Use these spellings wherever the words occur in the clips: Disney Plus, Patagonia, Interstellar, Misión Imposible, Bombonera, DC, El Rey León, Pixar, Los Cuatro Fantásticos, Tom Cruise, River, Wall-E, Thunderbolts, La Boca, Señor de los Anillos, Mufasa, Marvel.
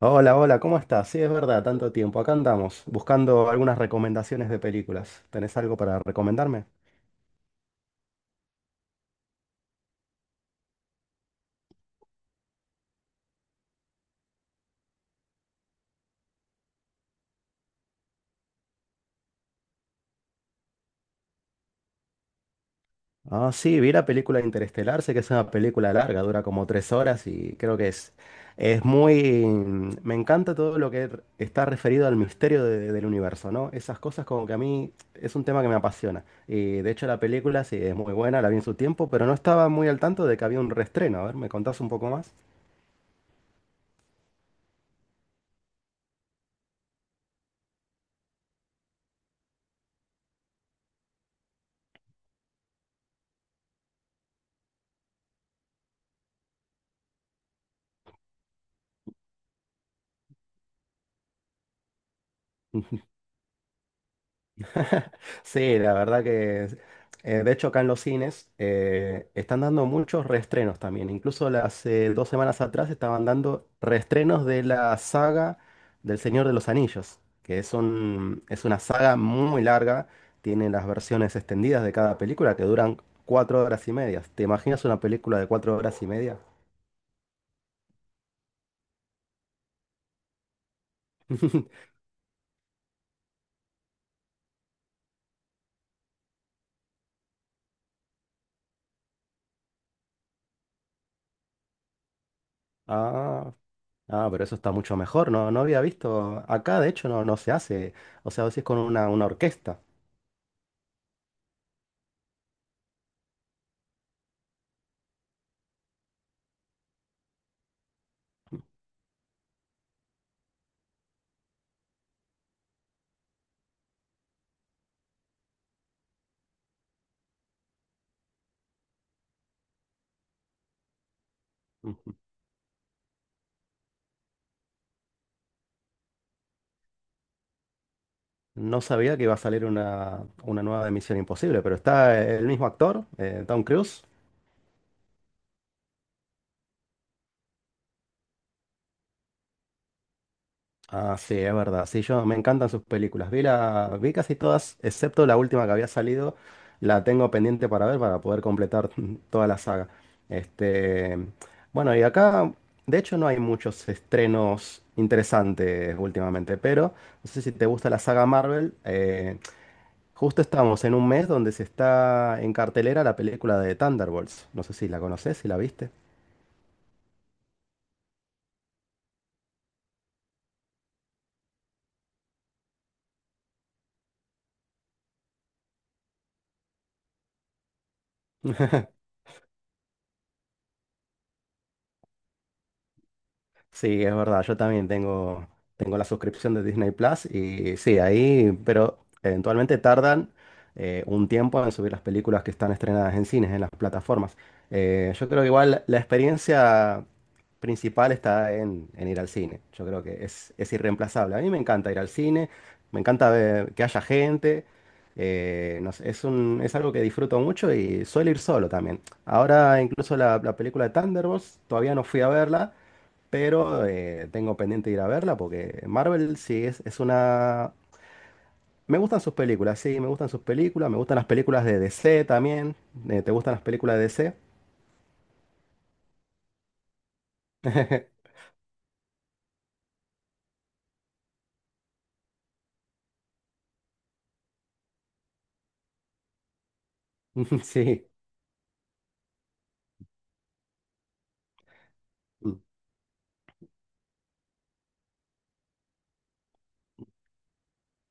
Hola, hola, ¿cómo estás? Sí, es verdad, tanto tiempo. Acá andamos, buscando algunas recomendaciones de películas. ¿Tenés algo para recomendarme? Ah, sí, vi la película Interestelar, sé que es una película larga, dura como 3 horas y creo que es muy... Me encanta todo lo que está referido al misterio del universo, ¿no? Esas cosas como que a mí es un tema que me apasiona. Y de hecho la película sí es muy buena, la vi en su tiempo, pero no estaba muy al tanto de que había un reestreno. A ver, ¿me contás un poco más? Sí, la verdad que, de hecho acá en los cines están dando muchos reestrenos también. Incluso hace 2 semanas atrás estaban dando reestrenos de la saga del Señor de los Anillos, que es es una saga muy larga. Tiene las versiones extendidas de cada película que duran 4 horas y media. ¿Te imaginas una película de 4 horas y media? Ah, ah, pero eso está mucho mejor. No, no había visto. Acá, de hecho, no, no se hace. O sea, lo haces con una orquesta. No sabía que iba a salir una nueva de Misión Imposible, pero está el mismo actor, Tom Cruise. Ah, sí, es verdad. Sí, yo me encantan sus películas. Vi casi todas, excepto la última que había salido. La tengo pendiente para ver para poder completar toda la saga. Este, bueno, y acá, de hecho, no hay muchos estrenos interesantes últimamente, pero no sé si te gusta la saga Marvel. Justo estamos en un mes donde se está en cartelera la película de Thunderbolts. No sé si la conoces, si la viste. Sí, es verdad, yo también tengo la suscripción de Disney Plus y sí, ahí, pero eventualmente tardan un tiempo en subir las películas que están estrenadas en cines, en las plataformas. Yo creo que igual la experiencia principal está en ir al cine, yo creo es irreemplazable. A mí me encanta ir al cine, me encanta ver que haya gente, no sé, es algo que disfruto mucho y suelo ir solo también. Ahora incluso la película de Thunderbolts, todavía no fui a verla. Pero tengo pendiente de ir a verla porque Marvel sí es una... Me gustan sus películas, sí, me gustan sus películas, me gustan las películas de DC también. ¿Te gustan las películas de DC? Sí.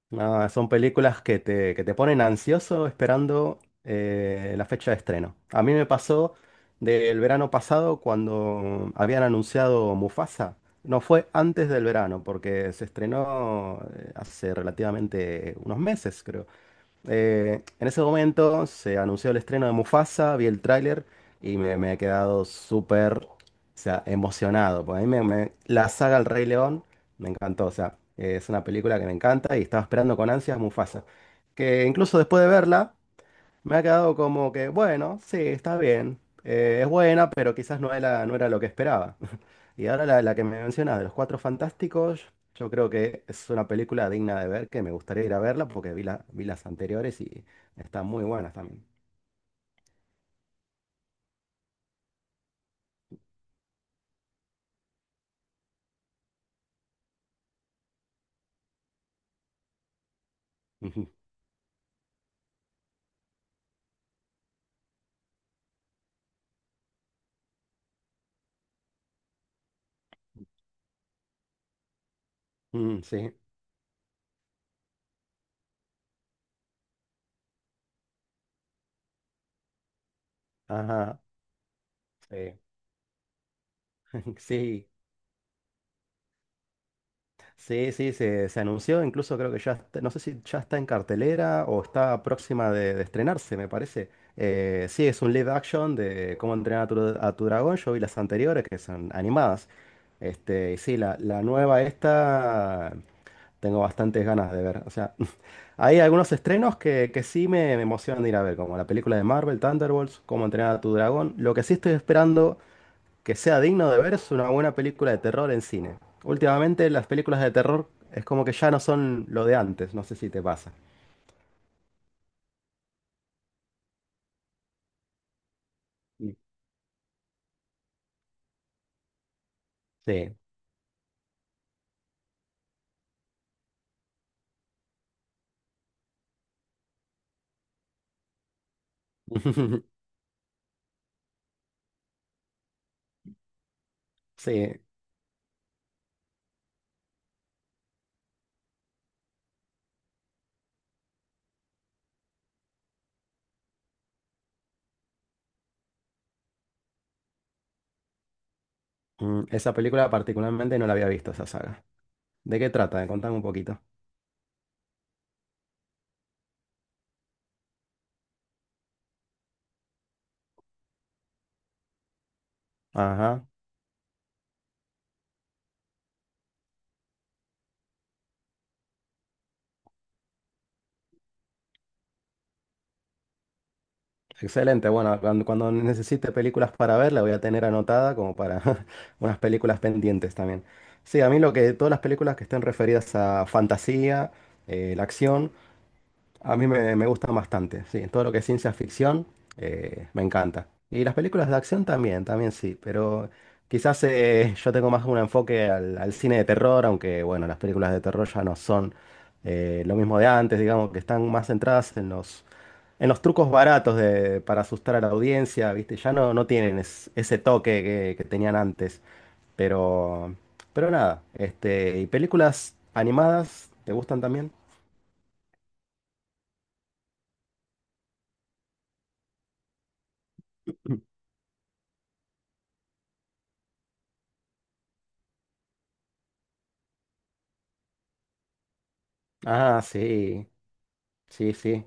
No, son películas que te ponen ansioso esperando la fecha de estreno. A mí me pasó del verano pasado cuando habían anunciado Mufasa. No fue antes del verano, porque se estrenó hace relativamente unos meses, creo. En ese momento se anunció el estreno de Mufasa, vi el tráiler y me he quedado súper, o sea, emocionado. Pues a mí la saga El Rey León me encantó, o sea, es una película que me encanta y estaba esperando con ansias Mufasa. Que incluso después de verla, me ha quedado como que, bueno, sí, está bien. Es buena, pero quizás no era lo que esperaba. Y ahora la que me mencionas de Los Cuatro Fantásticos, yo creo que es una película digna de ver, que me gustaría ir a verla porque vi las anteriores y están muy buenas también. Mm, sí, ajá, sí, sí. Sí, sí, se anunció, incluso creo que ya, no sé si ya está en cartelera o está próxima de estrenarse, me parece. Sí, es un live action de cómo entrenar a a tu dragón. Yo vi las anteriores que son animadas. Este, y sí, la nueva esta tengo bastantes ganas de ver. O sea, hay algunos estrenos que sí me emocionan de ir a ver, como la película de Marvel, Thunderbolts, cómo entrenar a tu dragón. Lo que sí estoy esperando que sea digno de ver es una buena película de terror en cine. Últimamente las películas de terror es como que ya no son lo de antes, no sé si te pasa. Sí. Sí, sí. Mm, esa película particularmente no la había visto, esa saga. ¿De qué trata? Contame un poquito. Ajá. Excelente. Bueno, cuando necesite películas para ver, la voy a tener anotada como para unas películas pendientes también. Sí, a mí lo que, todas las películas que estén referidas a fantasía, la acción. A mí me gustan bastante, sí, todo lo que es ciencia ficción me encanta. Y las películas de acción también, también sí, pero quizás yo tengo más un enfoque al cine de terror, aunque bueno, las películas de terror ya no son lo mismo de antes, digamos que están más centradas en en los trucos baratos de, para asustar a la audiencia, ¿viste? Ya no, no tienen ese toque que tenían antes, pero, pero nada, este, ¿y películas animadas te gustan también? Ah, sí. Sí, sí,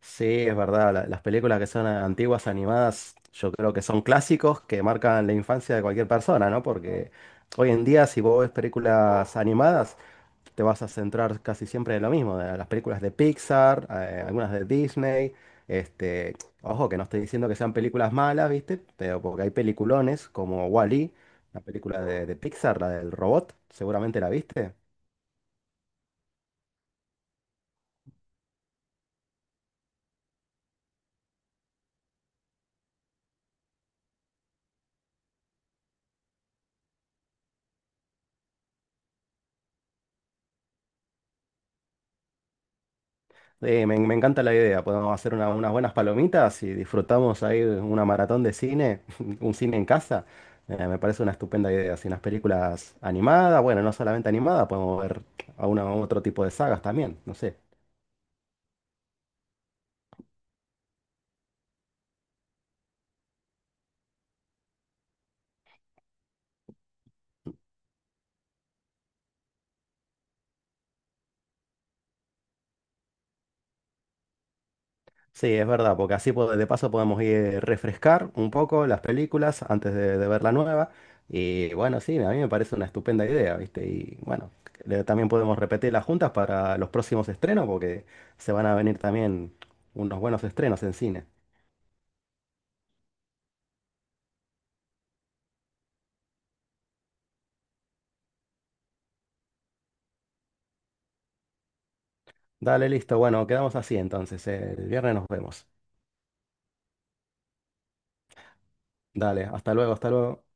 sí, es verdad. Las películas que son antiguas animadas, yo creo que son clásicos que marcan la infancia de cualquier persona, ¿no? Porque hoy en día, si vos ves películas animadas, te vas a centrar casi siempre en lo mismo, de las películas de Pixar, algunas de Disney. Este, ojo, que no estoy diciendo que sean películas malas, ¿viste? Pero porque hay peliculones como Wall-E, la película de Pixar, la del robot, seguramente la viste. Me encanta la idea. Podemos hacer unas buenas palomitas y disfrutamos ahí de una maratón de cine, un cine en casa. Me parece una estupenda idea. Así unas películas animadas, bueno, no solamente animadas, podemos ver a otro tipo de sagas también. No sé. Sí, es verdad, porque así de paso podemos ir refrescar un poco las películas antes de ver la nueva. Y bueno, sí, a mí me parece una estupenda idea, ¿viste? Y bueno, también podemos repetirlas juntas para los próximos estrenos, porque se van a venir también unos buenos estrenos en cine. Dale, listo, bueno, quedamos así entonces. El viernes nos vemos. Dale, hasta luego, hasta luego.